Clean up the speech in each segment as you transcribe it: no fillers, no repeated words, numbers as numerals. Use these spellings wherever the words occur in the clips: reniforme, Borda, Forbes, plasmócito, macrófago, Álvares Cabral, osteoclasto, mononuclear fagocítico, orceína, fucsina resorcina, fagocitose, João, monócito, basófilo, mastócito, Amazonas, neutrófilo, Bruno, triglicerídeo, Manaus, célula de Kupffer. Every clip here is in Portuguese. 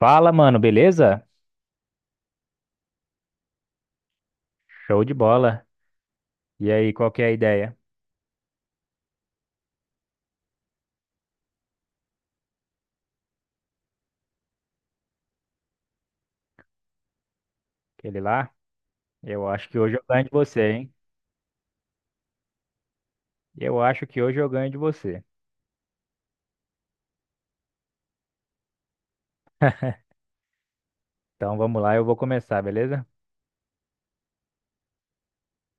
Fala, mano, beleza? Show de bola. E aí, qual que é a ideia? Aquele lá? Eu acho que hoje eu ganho de você, hein? Eu acho que hoje eu ganho de você. Então vamos lá, eu vou começar, beleza?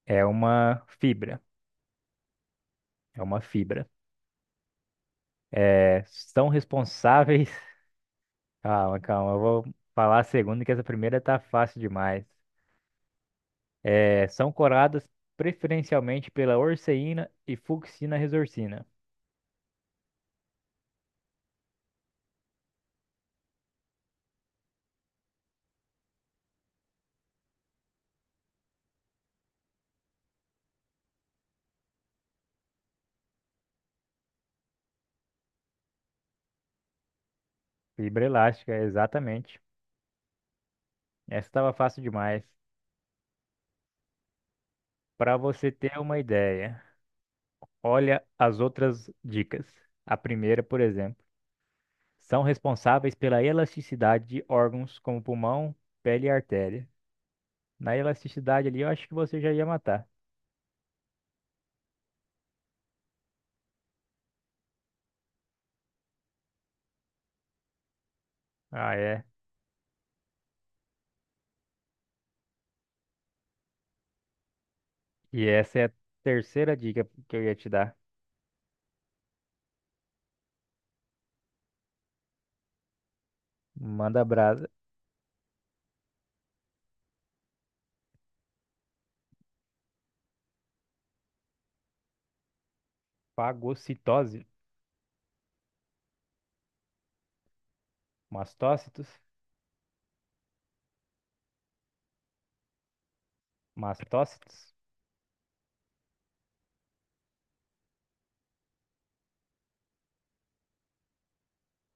É uma fibra. É uma fibra. É, são responsáveis. Calma, calma, eu vou falar a segunda, que essa primeira tá fácil demais. É, são coradas preferencialmente pela orceína e fucsina resorcina. Fibra elástica, exatamente. Essa estava fácil demais. Para você ter uma ideia. Olha as outras dicas. A primeira, por exemplo, são responsáveis pela elasticidade de órgãos como pulmão, pele e artéria. Na elasticidade ali, eu acho que você já ia matar. Ah, é. E essa é a terceira dica que eu ia te dar. Manda brasa. Fagocitose. Mastócitos. Mastócitos.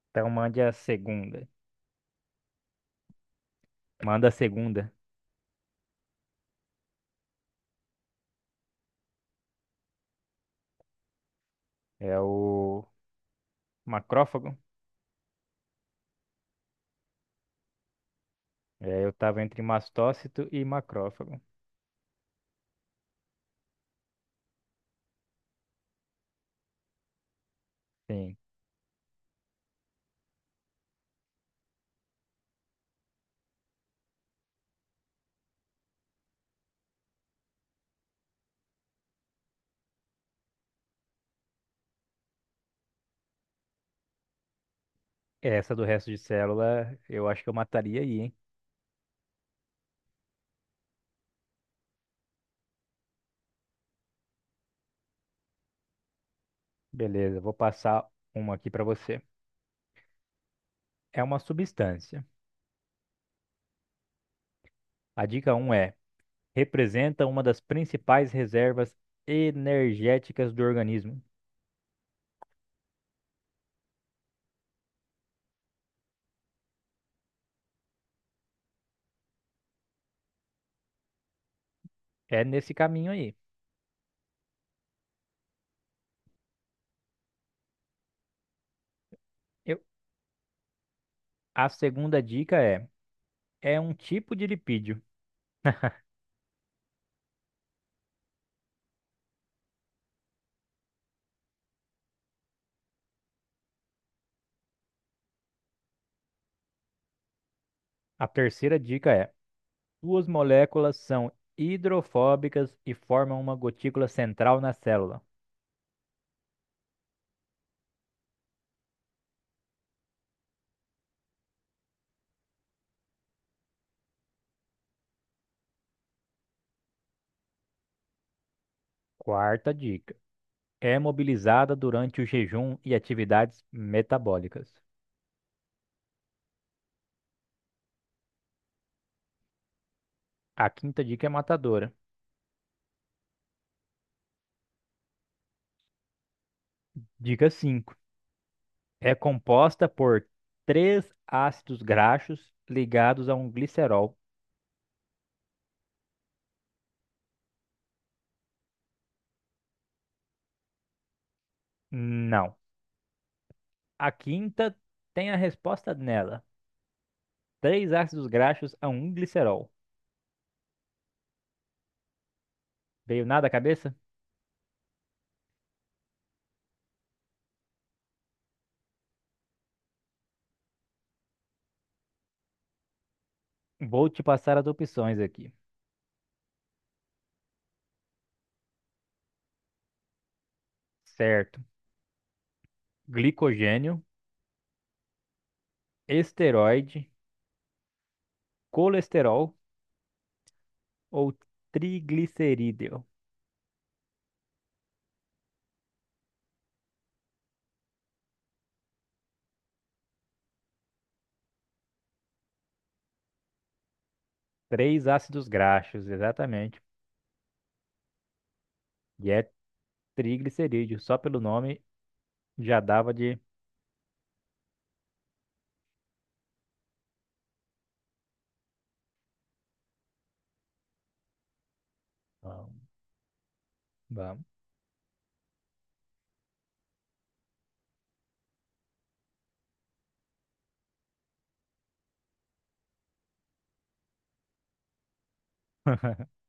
Então mande a segunda. Manda a segunda. É o macrófago. É, eu tava entre mastócito e macrófago. Sim. Essa do resto de célula, eu acho que eu mataria aí, hein? Beleza, vou passar uma aqui para você. É uma substância. A dica um é: representa uma das principais reservas energéticas do organismo. É nesse caminho aí. Eu- a segunda dica é: é um tipo de lipídio. A terceira dica é: suas moléculas são hidrofóbicas e formam uma gotícula central na célula. Quarta dica. É mobilizada durante o jejum e atividades metabólicas. A quinta dica é matadora. Dica 5. É composta por três ácidos graxos ligados a um glicerol. Não. A quinta tem a resposta nela. Três ácidos graxos a um glicerol. Veio nada à cabeça? Vou te passar as opções aqui. Certo. Glicogênio, esteroide, colesterol ou triglicerídeo. Três ácidos graxos, exatamente. E é triglicerídeo. Só pelo nome já dava de. Vamos. Vamos.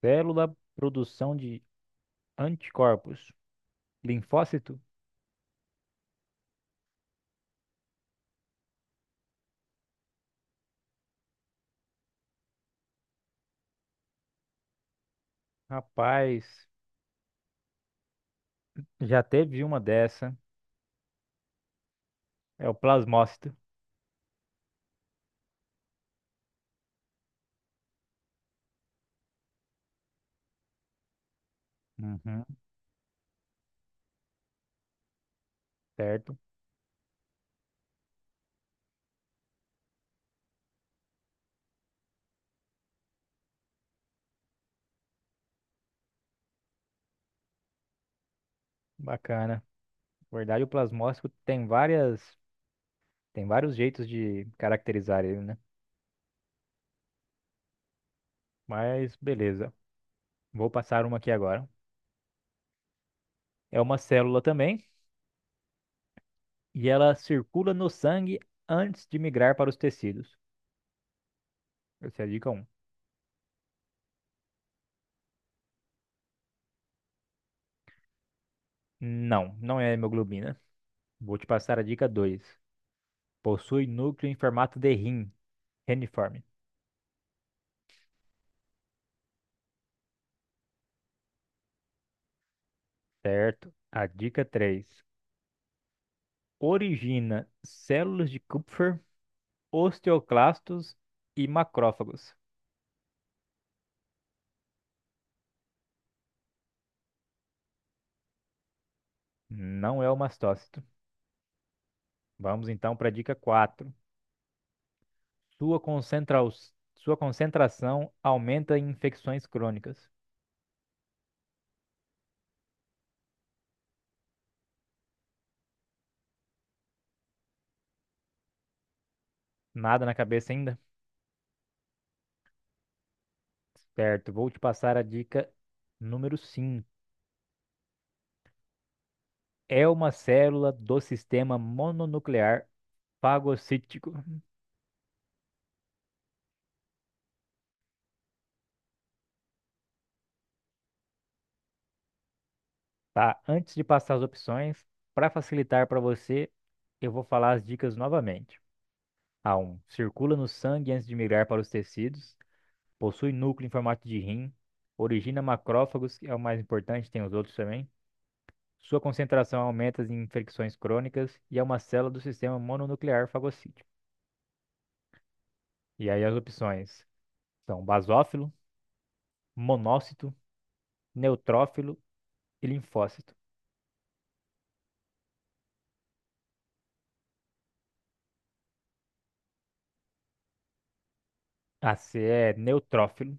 Célula produção de anticorpos. Linfócito? Rapaz, já teve uma dessa. É o plasmócito. Uhum, certo? Bacana. Na verdade, o plasmócito tem tem vários jeitos de caracterizar ele, né? Mas beleza. Vou passar uma aqui agora. É uma célula também, e ela circula no sangue antes de migrar para os tecidos. Essa é a dica 1. Não, não é hemoglobina. Vou te passar a dica 2. Possui núcleo em formato de rim, reniforme. Certo. A dica 3. Origina células de Kupffer, osteoclastos e macrófagos. Não é o mastócito. Vamos então para a dica 4. Sua concentra- Sua concentração aumenta em infecções crônicas. Nada na cabeça ainda? Certo, vou te passar a dica número cinco. É uma célula do sistema mononuclear fagocítico. Tá? Antes de passar as opções, para facilitar para você, eu vou falar as dicas novamente. A um: circula no sangue antes de migrar para os tecidos. Possui núcleo em formato de rim. Origina macrófagos, que é o mais importante, tem os outros também. Sua concentração aumenta em infecções crônicas e é uma célula do sistema mononuclear fagocítico. E aí as opções são basófilo, monócito, neutrófilo e linfócito. A C é neutrófilo,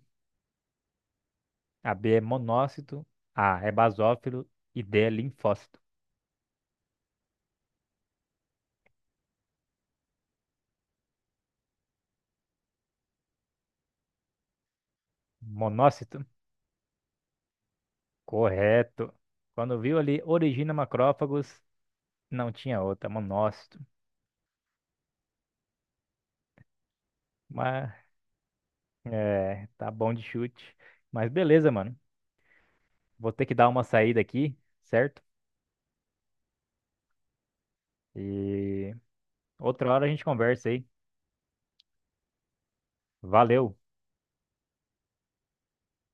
a B é monócito, A é basófilo e D é linfócito. Monócito? Correto. Quando viu ali origina macrófagos, não tinha outra, monócito. Mas é, tá bom de chute. Mas beleza, mano. Vou ter que dar uma saída aqui, certo? E outra hora a gente conversa aí. Valeu.